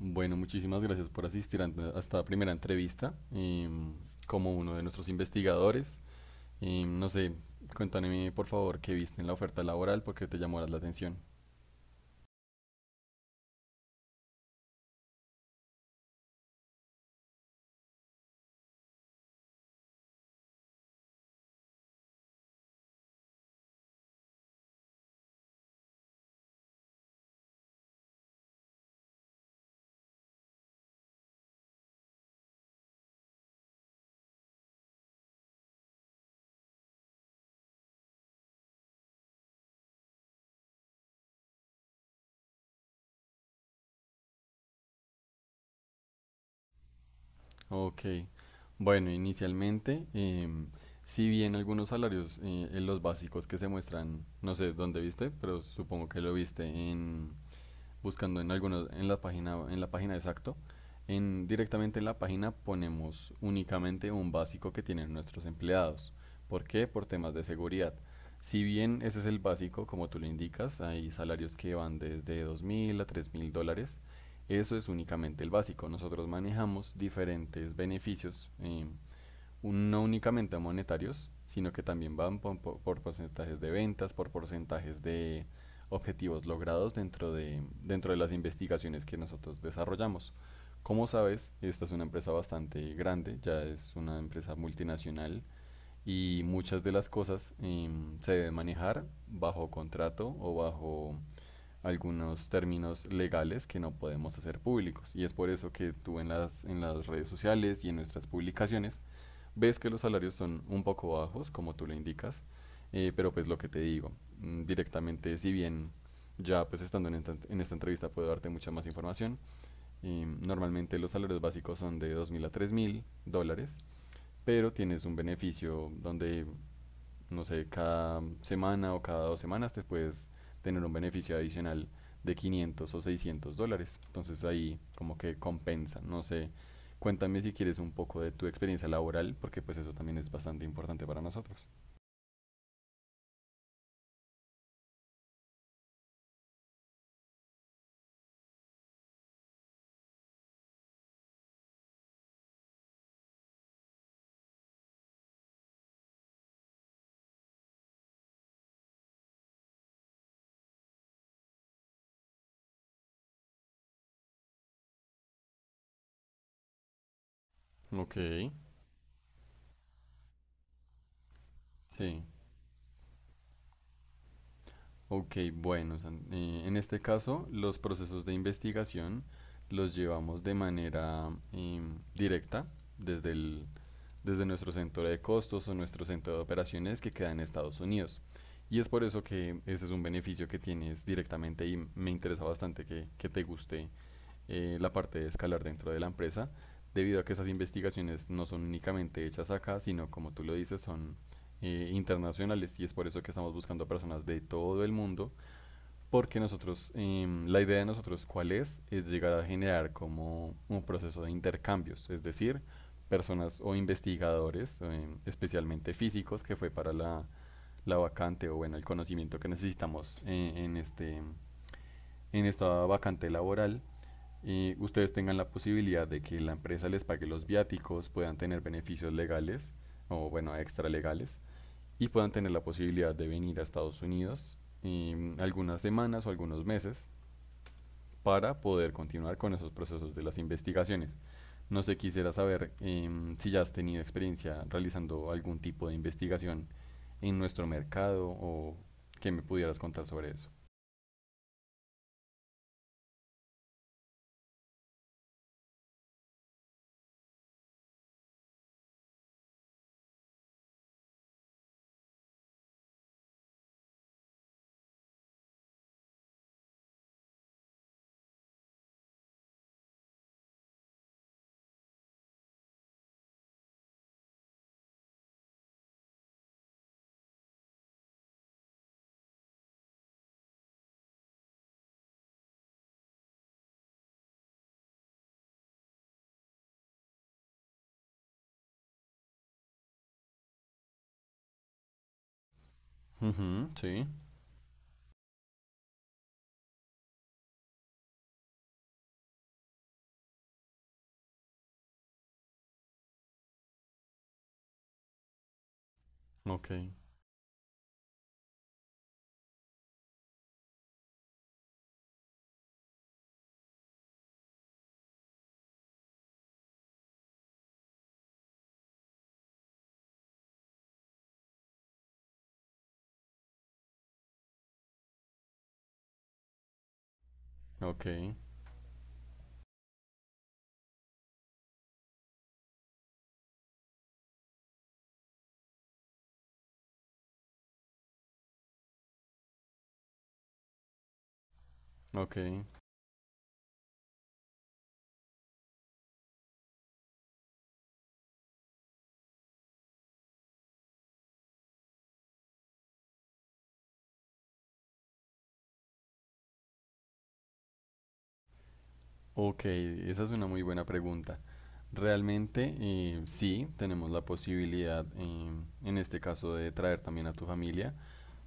Bueno, muchísimas gracias por asistir a esta primera entrevista como uno de nuestros investigadores. No sé, cuéntame por favor qué viste en la oferta laboral, porque te llamó la atención. Ok, bueno, inicialmente, si bien algunos salarios en los básicos que se muestran, no sé dónde viste, pero supongo que lo viste buscando en la página exacto, directamente en la página ponemos únicamente un básico que tienen nuestros empleados. ¿Por qué? Por temas de seguridad. Si bien ese es el básico, como tú lo indicas, hay salarios que van desde $2000 a $3000. Eso es únicamente el básico. Nosotros manejamos diferentes beneficios. No únicamente monetarios, sino que también van porcentajes de ventas, por porcentajes de objetivos logrados dentro de las investigaciones que nosotros desarrollamos. Como sabes, esta es una empresa bastante grande, ya es una empresa multinacional y muchas de las cosas se deben manejar bajo contrato o bajo algunos términos legales que no podemos hacer públicos. Y es por eso que tú en las redes sociales y en nuestras publicaciones ves que los salarios son un poco bajos, como tú lo indicas, pero pues lo que te digo, directamente, si bien ya pues estando en esta entrevista puedo darte mucha más información, y normalmente los salarios básicos son de $2000 a $3000, pero tienes un beneficio donde no sé, cada semana o cada 2 semanas te puedes tener un beneficio adicional de $500 o $600. Entonces ahí como que compensa, no sé. Cuéntame si quieres un poco de tu experiencia laboral, porque pues eso también es bastante importante para nosotros. Ok. Sí. Ok, bueno, en este caso los procesos de investigación los llevamos de manera directa desde el desde nuestro centro de costos o nuestro centro de operaciones que queda en Estados Unidos. Y es por eso que ese es un beneficio que tienes directamente y me interesa bastante que te guste la parte de escalar dentro de la empresa, debido a que esas investigaciones no son únicamente hechas acá, sino como tú lo dices, son internacionales y es por eso que estamos buscando personas de todo el mundo porque nosotros, la idea de nosotros, ¿cuál es? Es llegar a generar como un proceso de intercambios, es decir, personas o investigadores, especialmente físicos, que fue para la vacante o bueno, el conocimiento que necesitamos en esta vacante laboral. Y ustedes tengan la posibilidad de que la empresa les pague los viáticos, puedan tener beneficios legales o bueno, extralegales y puedan tener la posibilidad de venir a Estados Unidos algunas semanas o algunos meses para poder continuar con esos procesos de las investigaciones. No sé, quisiera saber si ya has tenido experiencia realizando algún tipo de investigación en nuestro mercado o que me pudieras contar sobre eso. Ujú. Sí. Ok, ok, ok. Ok, esa es una muy buena pregunta. Realmente sí, tenemos la posibilidad en este caso de traer también a tu familia.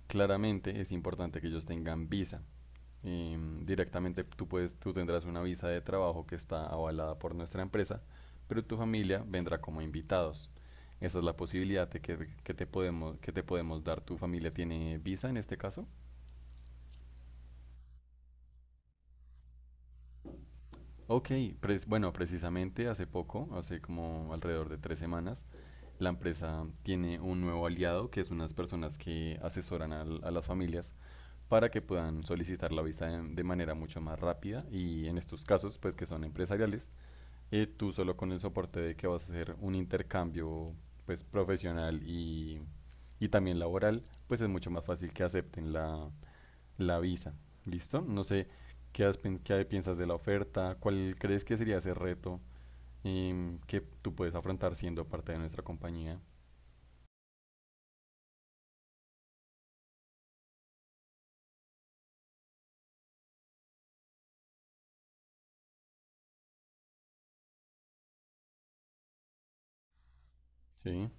Claramente es importante que ellos tengan visa. Directamente tú tendrás una visa de trabajo que está avalada por nuestra empresa, pero tu familia vendrá como invitados. Esa es la posibilidad que te podemos dar. ¿Tu familia tiene visa en este caso? Ok, bueno, precisamente hace poco, hace como alrededor de 3 semanas, la empresa tiene un nuevo aliado que es unas personas que asesoran a las familias para que puedan solicitar la visa de manera mucho más rápida y en estos casos, pues que son empresariales, tú solo con el soporte de que vas a hacer un intercambio pues profesional y también laboral, pues es mucho más fácil que acepten la visa. ¿Listo? No sé qué piensas de la oferta, cuál crees que sería ese reto que tú puedes afrontar siendo parte de nuestra compañía. Sí.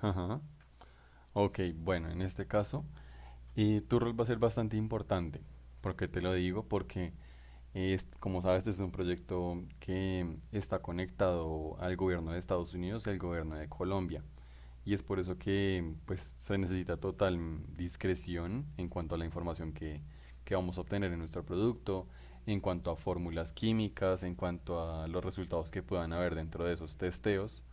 Ajá. Ok, bueno, en este caso, tu rol va a ser bastante importante. ¿Por qué te lo digo? Como sabes, este es un proyecto que está conectado al gobierno de Estados Unidos y al gobierno de Colombia. Y es por eso que pues, se necesita total discreción en cuanto a la información que vamos a obtener en nuestro producto, en cuanto a fórmulas químicas, en cuanto a los resultados que puedan haber dentro de esos testeos.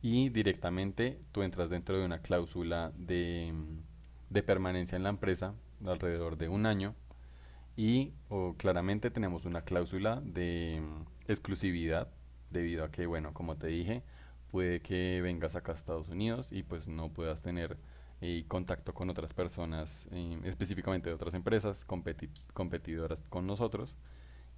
Y directamente tú entras dentro de una cláusula de permanencia en la empresa de alrededor de un año claramente tenemos una cláusula de exclusividad, debido a que, bueno, como te dije, puede que vengas acá a Estados Unidos y pues no puedas tener contacto con otras personas, específicamente de otras empresas competidoras con nosotros.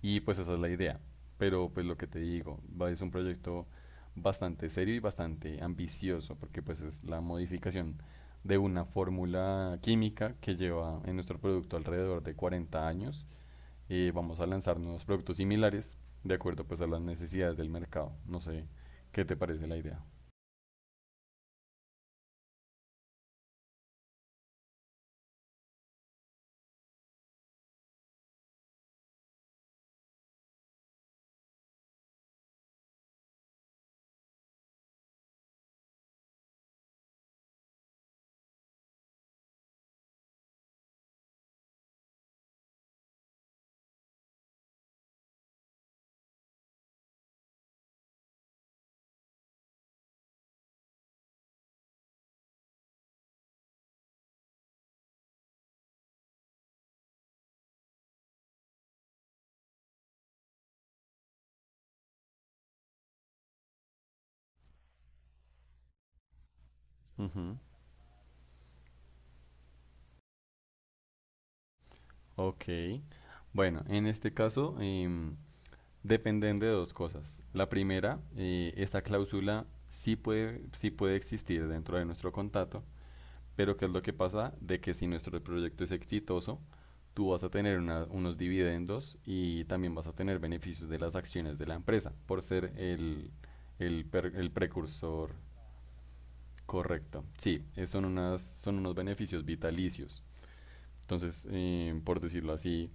Y pues esa es la idea. Pero pues lo que te digo, es un proyecto bastante serio y bastante ambicioso, porque pues es la modificación de una fórmula química que lleva en nuestro producto alrededor de 40 años. Vamos a lanzar nuevos productos similares de acuerdo pues a las necesidades del mercado. No sé, ¿qué te parece la idea? Ujú. Ok. Bueno, en este caso dependen de dos cosas. La primera, esa cláusula sí puede existir dentro de nuestro contrato, pero ¿qué es lo que pasa? De que si nuestro proyecto es exitoso, tú vas a tener unos dividendos y también vas a tener beneficios de las acciones de la empresa por ser el precursor. Correcto, sí, son unos beneficios vitalicios. Entonces, por decirlo así,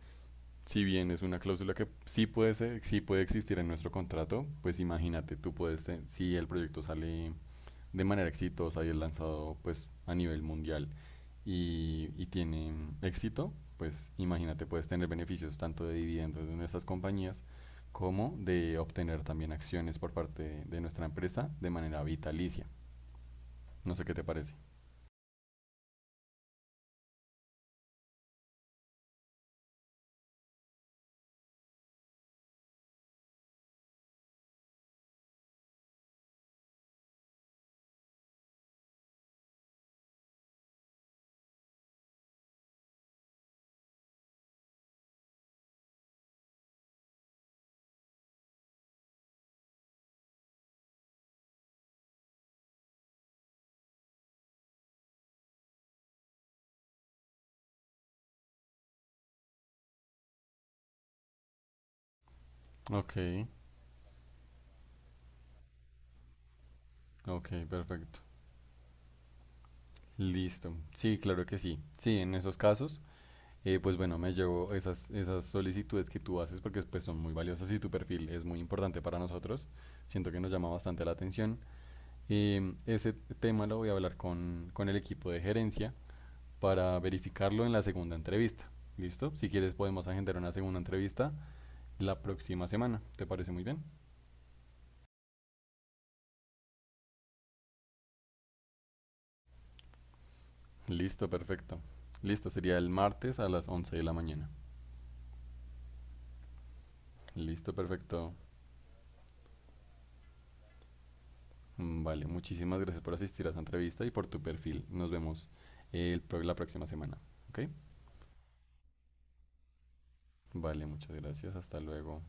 si bien es una cláusula que sí puede existir en nuestro contrato, pues imagínate, si el proyecto sale de manera exitosa y es lanzado pues a nivel mundial y tiene éxito, pues imagínate, puedes tener beneficios tanto de dividendos de nuestras compañías como de obtener también acciones por parte de nuestra empresa de manera vitalicia. No sé qué te parece. Ok. Ok, perfecto. Listo. Sí, claro que sí. Sí, en esos casos, pues bueno, me llevo esas solicitudes que tú haces porque pues son muy valiosas y tu perfil es muy importante para nosotros. Siento que nos llama bastante la atención. Ese tema lo voy a hablar con el equipo de gerencia para verificarlo en la segunda entrevista. ¿Listo? Si quieres podemos agendar una segunda entrevista la próxima semana. ¿Te parece muy bien? Listo, perfecto. Listo, sería el martes a las 11 de la mañana. Listo, perfecto. Vale, muchísimas gracias por asistir a esta entrevista y por tu perfil. Nos vemos la próxima semana. ¿Ok? Vale, muchas gracias. Hasta luego.